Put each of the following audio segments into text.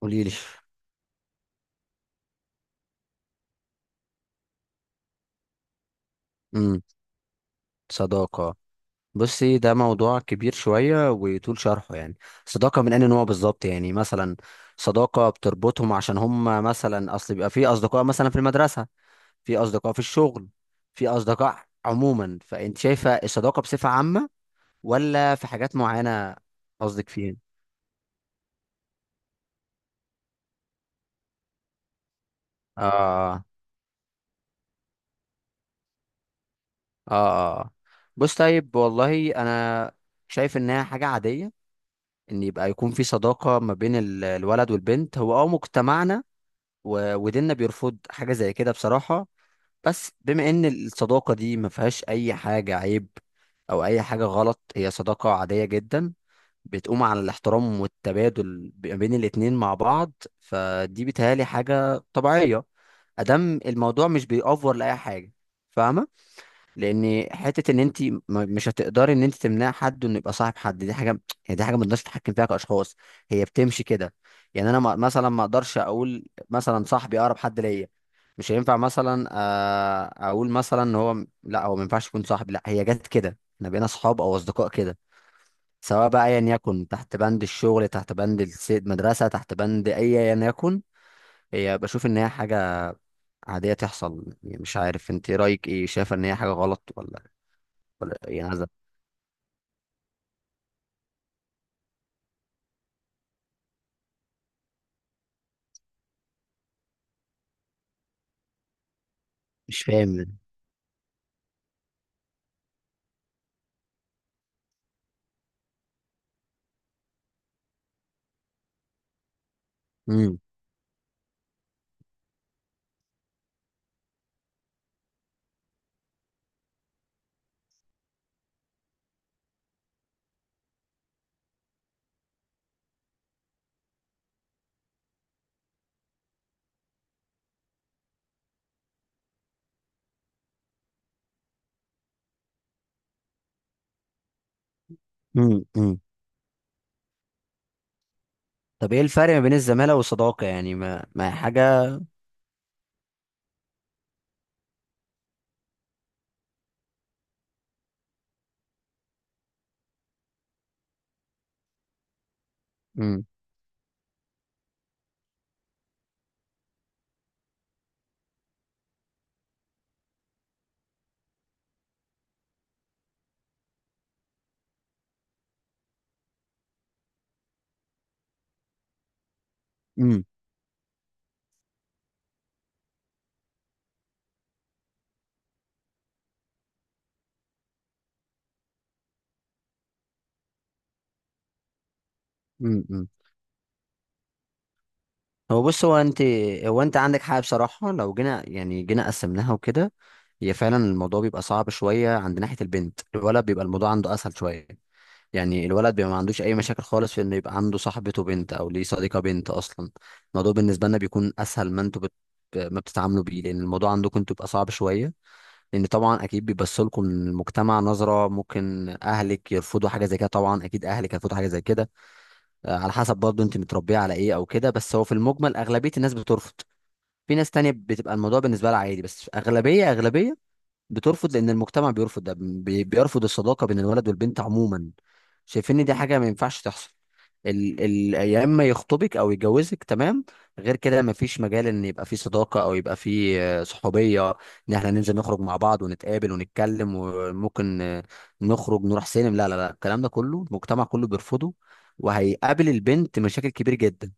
قولي لي. امم صداقة. بصي، ده موضوع كبير شوية ويطول شرحه يعني. صداقة من أي نوع بالظبط؟ يعني مثلا صداقة بتربطهم عشان هم مثلا أصل بيبقى في أصدقاء مثلا في المدرسة، في أصدقاء في الشغل، في أصدقاء عموما. فأنت شايفة الصداقة بصفة عامة ولا في حاجات معينة؟ قصدك فيها؟ آه آه. آه آه. بص، طيب، والله أنا شايف إنها حاجة عادية ان يبقى يكون في صداقة ما بين الولد والبنت. هو مجتمعنا وديننا بيرفض حاجة زي كده بصراحة، بس بما ان الصداقة دي ما فيهاش اي حاجة عيب او اي حاجة غلط، هي صداقة عادية جدا، بتقوم على الاحترام والتبادل ما بين الاتنين مع بعض. فدي بيتهيألي حاجة طبيعية ادام الموضوع مش بيأفور لأي حاجة. فاهمة؟ لان حته ان انت مش هتقدري ان انت تمنع حد انه يبقى صاحب حد، دي حاجه يعني، دي حاجه ما نقدرش نتحكم فيها كاشخاص، هي بتمشي كده. يعني انا مثلا ما اقدرش اقول مثلا صاحبي اقرب حد ليا مش هينفع، مثلا اقول مثلا ان هو لا، هو ما ينفعش يكون صاحبي، لا، هي جت كده، احنا بقينا اصحاب او اصدقاء كده. سواء بقى ايا يكن، تحت بند الشغل، تحت بند المدرسه، تحت بند اي ايا يكن، هي بشوف ان هي حاجه عاديه تحصل. يعني مش عارف انت رايك ايه، شايفه ان هي حاجه غلط ولا ولا يعني؟ مش فاهم. امم امم امم طب ايه الفرق ما بين الزمالة والصداقة يعني، ما حاجة؟ امم امم امم امم هو بص، هو انت عندك حق بصراحة. لو جينا يعني جينا قسمناها وكده، هي فعلا الموضوع بيبقى صعب شوية عند ناحية البنت، الولد بيبقى الموضوع عنده اسهل شوية. يعني الولد بيبقى ما عندوش اي مشاكل خالص في انه يبقى عنده صاحبته بنت او ليه صديقة بنت اصلا. الموضوع بالنسبة لنا بيكون اسهل ما انتوا ما بتتعاملوا بيه، لان الموضوع عندكم انتوا بيبقى صعب شوية، لان طبعا اكيد بيبص لكم المجتمع نظره، ممكن اهلك يرفضوا حاجه زي كده، طبعا اكيد اهلك هيرفضوا حاجه زي كده. على حسب برضه انت متربيه على ايه او كده، بس هو في المجمل اغلبيه الناس بترفض. في ناس تانية بتبقى الموضوع بالنسبه لها عادي، بس اغلبيه اغلبيه بترفض، لان المجتمع بيرفض ده، بيرفض الصداقه بين الولد والبنت عموما، شايفين ان دي حاجه ما ينفعش تحصل. ال يا اما يخطبك او يتجوزك تمام، غير كده ما فيش مجال ان يبقى في صداقه او يبقى في صحوبيه، ان احنا ننزل نخرج مع بعض ونتقابل ونتكلم، وممكن نخرج نروح سينما. لا لا لا، الكلام ده كله المجتمع كله بيرفضه، وهيقابل البنت مشاكل كبير جدا.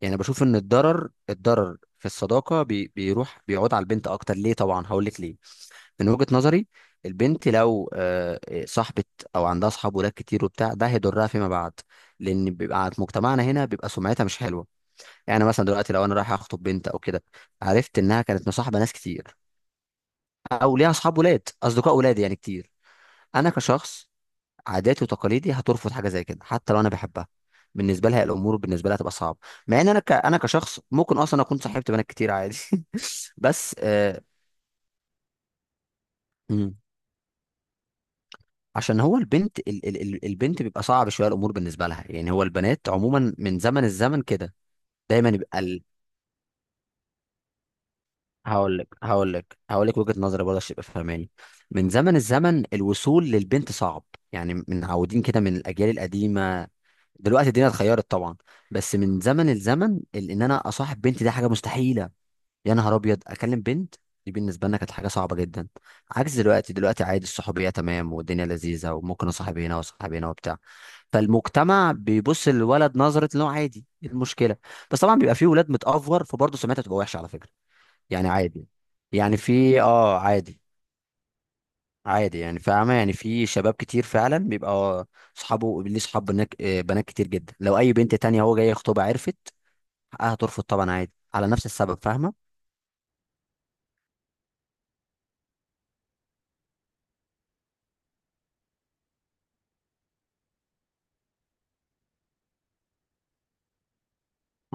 يعني بشوف ان الضرر في الصداقه بيروح بيعود على البنت اكتر. ليه؟ طبعا هقول لك ليه، من وجهة نظري. البنت لو صاحبة او عندها اصحاب ولاد كتير وبتاع، ده هيضرها فيما بعد، لان بيبقى عند مجتمعنا هنا بيبقى سمعتها مش حلوه. يعني مثلا دلوقتي لو انا رايح اخطب بنت او كده، عرفت انها كانت مصاحبه ناس كتير او ليها اصحاب ولاد، اصدقاء ولاد يعني كتير، انا كشخص عاداتي وتقاليدي هترفض حاجه زي كده حتى لو انا بحبها. بالنسبه لها الامور بالنسبه لها هتبقى صعبه، مع ان انا انا كشخص ممكن اصلا اكون صاحبت بنات كتير عادي. بس مم. عشان هو البنت البنت بيبقى صعب شويه الامور بالنسبه لها. يعني هو البنات عموما من زمن الزمن كده دايما يبقى هقول لك وجهه نظري برضه عشان تبقى فاهماني. من زمن الزمن الوصول للبنت صعب، يعني من عودين كده، من الاجيال القديمه. دلوقتي الدنيا اتغيرت طبعا، بس من زمن الزمن، ان انا اصاحب بنتي ده حاجه مستحيله، يا نهار ابيض اكلم بنت، دي بالنسبه لنا كانت حاجه صعبه جدا. عكس دلوقتي، دلوقتي عادي الصحوبيه تمام والدنيا لذيذه وممكن اصاحب هنا واصاحب هنا وبتاع. فالمجتمع بيبص للولد نظره ان هو عادي، إيه المشكله؟ بس طبعا بيبقى فيه ولاد متأفور، فبرضه سمعتها تبقى وحشه على فكره. يعني عادي، يعني في عادي، عادي. يعني فاهمه، يعني في شباب كتير فعلا بيبقى صحابه ليه صحاب بنات، بنات كتير جدا، لو اي بنت تانية هو جاي يخطبها عرفت، حقها ترفض طبعا، عادي، على نفس السبب. فاهمه؟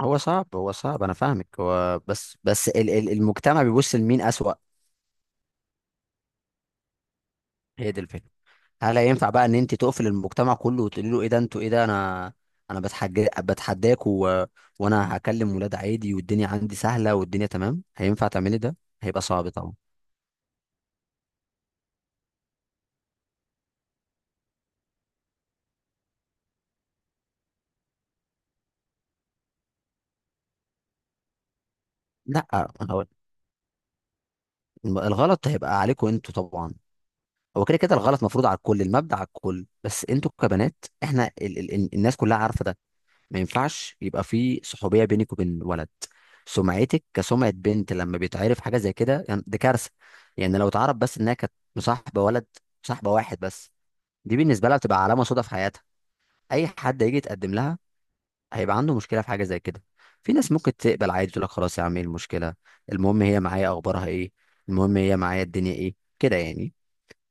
هو صعب انا فاهمك، هو بس المجتمع بيبص لمين اسوأ. هي دي الفكره. هل هينفع بقى ان انت تقفل المجتمع كله وتقولي له ايه ده انتوا، ايه ده انا، انا بتحج بتحداك و... وانا هكلم ولاد عادي والدنيا عندي سهله والدنيا تمام؟ هينفع تعملي ده؟ هيبقى صعب طبعا. لا، هو الغلط هيبقى عليكم انتوا طبعا، هو كده كده الغلط مفروض على الكل، المبدأ على الكل، بس انتوا كبنات، احنا الناس كلها عارفه ده، ما ينفعش يبقى في صحوبيه بينك وبين ولد. سمعتك كسمعه بنت لما بيتعرف حاجه زي كده يعني دي كارثه، يعني لو اتعرف بس انها كانت مصاحبه ولد، مصاحبه واحد بس، دي بالنسبه لها بتبقى علامه سودا في حياتها. اي حد هيجي يتقدم لها هيبقى عنده مشكله في حاجه زي كده. في ناس ممكن تقبل عادي، تقول لك خلاص يا عم، ايه المشكله؟ المهم هي معايا، اخبارها ايه؟ المهم هي معايا، الدنيا ايه كده يعني.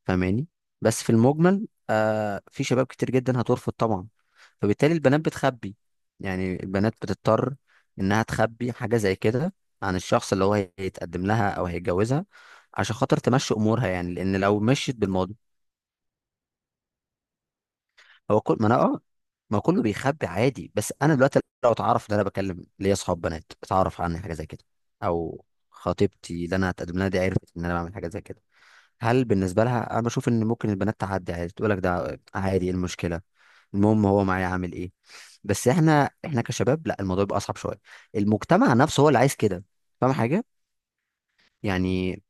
فاهماني؟ بس في المجمل آه، في شباب كتير جدا هترفض طبعا. فبالتالي البنات بتخبي، يعني البنات بتضطر انها تخبي حاجة زي كده عن الشخص اللي هو هيتقدم لها او هيتجوزها، عشان خاطر تمشي امورها، يعني لان لو مشيت بالموضوع. هو كل ما انا ما كله بيخبي عادي، بس انا دلوقتي لو اتعرف ان انا بكلم ليا اصحاب بنات، اتعرف عني حاجة زي كده، او خطيبتي اللي انا هتقدم لها دي عرفت ان انا بعمل حاجة زي كده، هل بالنسبه لها انا بشوف ان ممكن البنات تعدي عادي، تقول لك ده عادي، إيه المشكله؟ المهم هو معايا عامل ايه. بس احنا، كشباب لا، الموضوع بيبقى اصعب شويه، المجتمع نفسه هو اللي عايز كده. فاهم حاجه؟ يعني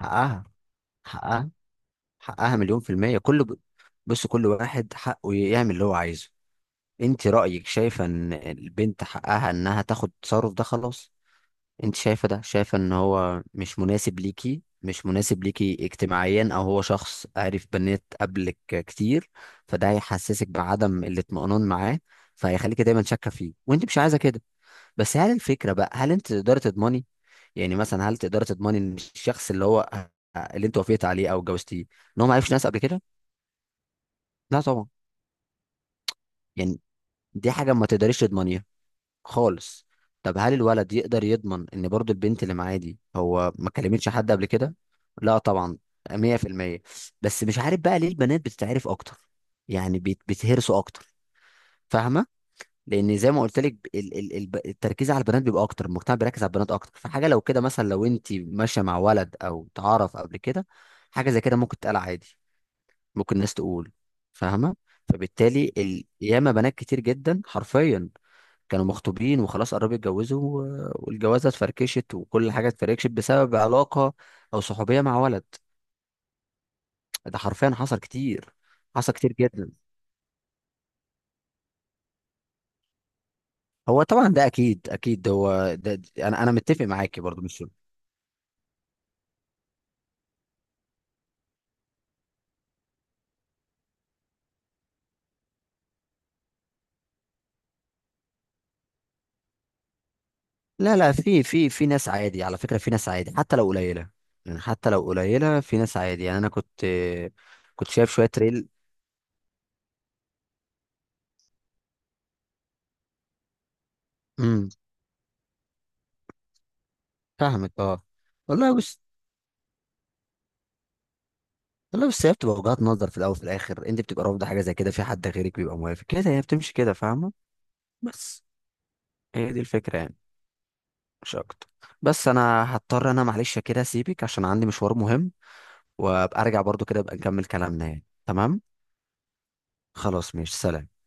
حقها حقها حقها مليون في الميه. بص، كل واحد حقه يعمل اللي هو عايزه. انت رايك شايفه ان البنت حقها انها تاخد التصرف ده، خلاص. انت شايفه، ده شايفه ان هو مش مناسب ليكي، مش مناسب ليكي اجتماعيا، او هو شخص عارف بنات قبلك كتير، فده هيحسسك بعدم الاطمئنان معاه، فهيخليكي دايما شاكه فيه وانت مش عايزه كده. بس هل الفكره بقى، هل انت تقدري تضمني، يعني مثلا هل تقدري تضمني ان الشخص اللي هو اللي انت وافقت عليه او اتجوزتيه ان هو ما عرفش ناس قبل كده؟ لا طبعا. يعني دي حاجه ما تقدريش تضمنيها خالص. طب هل الولد يقدر يضمن ان برضو البنت اللي معاه دي هو ما كلمتش حد قبل كده؟ لا طبعا. 100%. بس مش عارف بقى ليه البنات بتتعرف اكتر، يعني بيتهرسوا اكتر. فاهمه؟ لان زي ما قلت لك، التركيز على البنات بيبقى اكتر، المجتمع بيركز على البنات اكتر. فحاجه لو كده مثلا، لو انت ماشيه مع ولد او تعرف قبل كده حاجه زي كده ممكن تتقال عادي، ممكن الناس تقول. فاهمه؟ فبالتالي ياما بنات كتير جدا حرفيا كانوا مخطوبين وخلاص قربوا يتجوزوا والجوازه اتفركشت، وكل حاجه اتفركشت بسبب علاقه او صحوبيه مع ولد. ده حرفيا حصل كتير، حصل كتير جدا. هو طبعا ده اكيد اكيد هو ده. انا متفق معاكي برضو، مش لا لا. في في ناس عادي على فكره، في ناس عادي حتى لو قليله، يعني حتى لو قليله في ناس عادي. يعني انا كنت شايف شويه ريل. امم فاهمك. اه والله بس والله بس هي بتبقى وجهات نظر في الاول وفي الاخر، انت بتبقى رافضه حاجه زي كده، في حد غيرك بيبقى موافق كده، هي بتمشي كده. فاهمه؟ بس هي دي الفكرة يعني، مش اكتر. بس انا هضطر انا معلش كده اسيبك عشان عندي مشوار مهم، وابقى ارجع برضو كده ابقى نكمل كلامنا يعني، تمام؟ خلاص ماشي، سلام.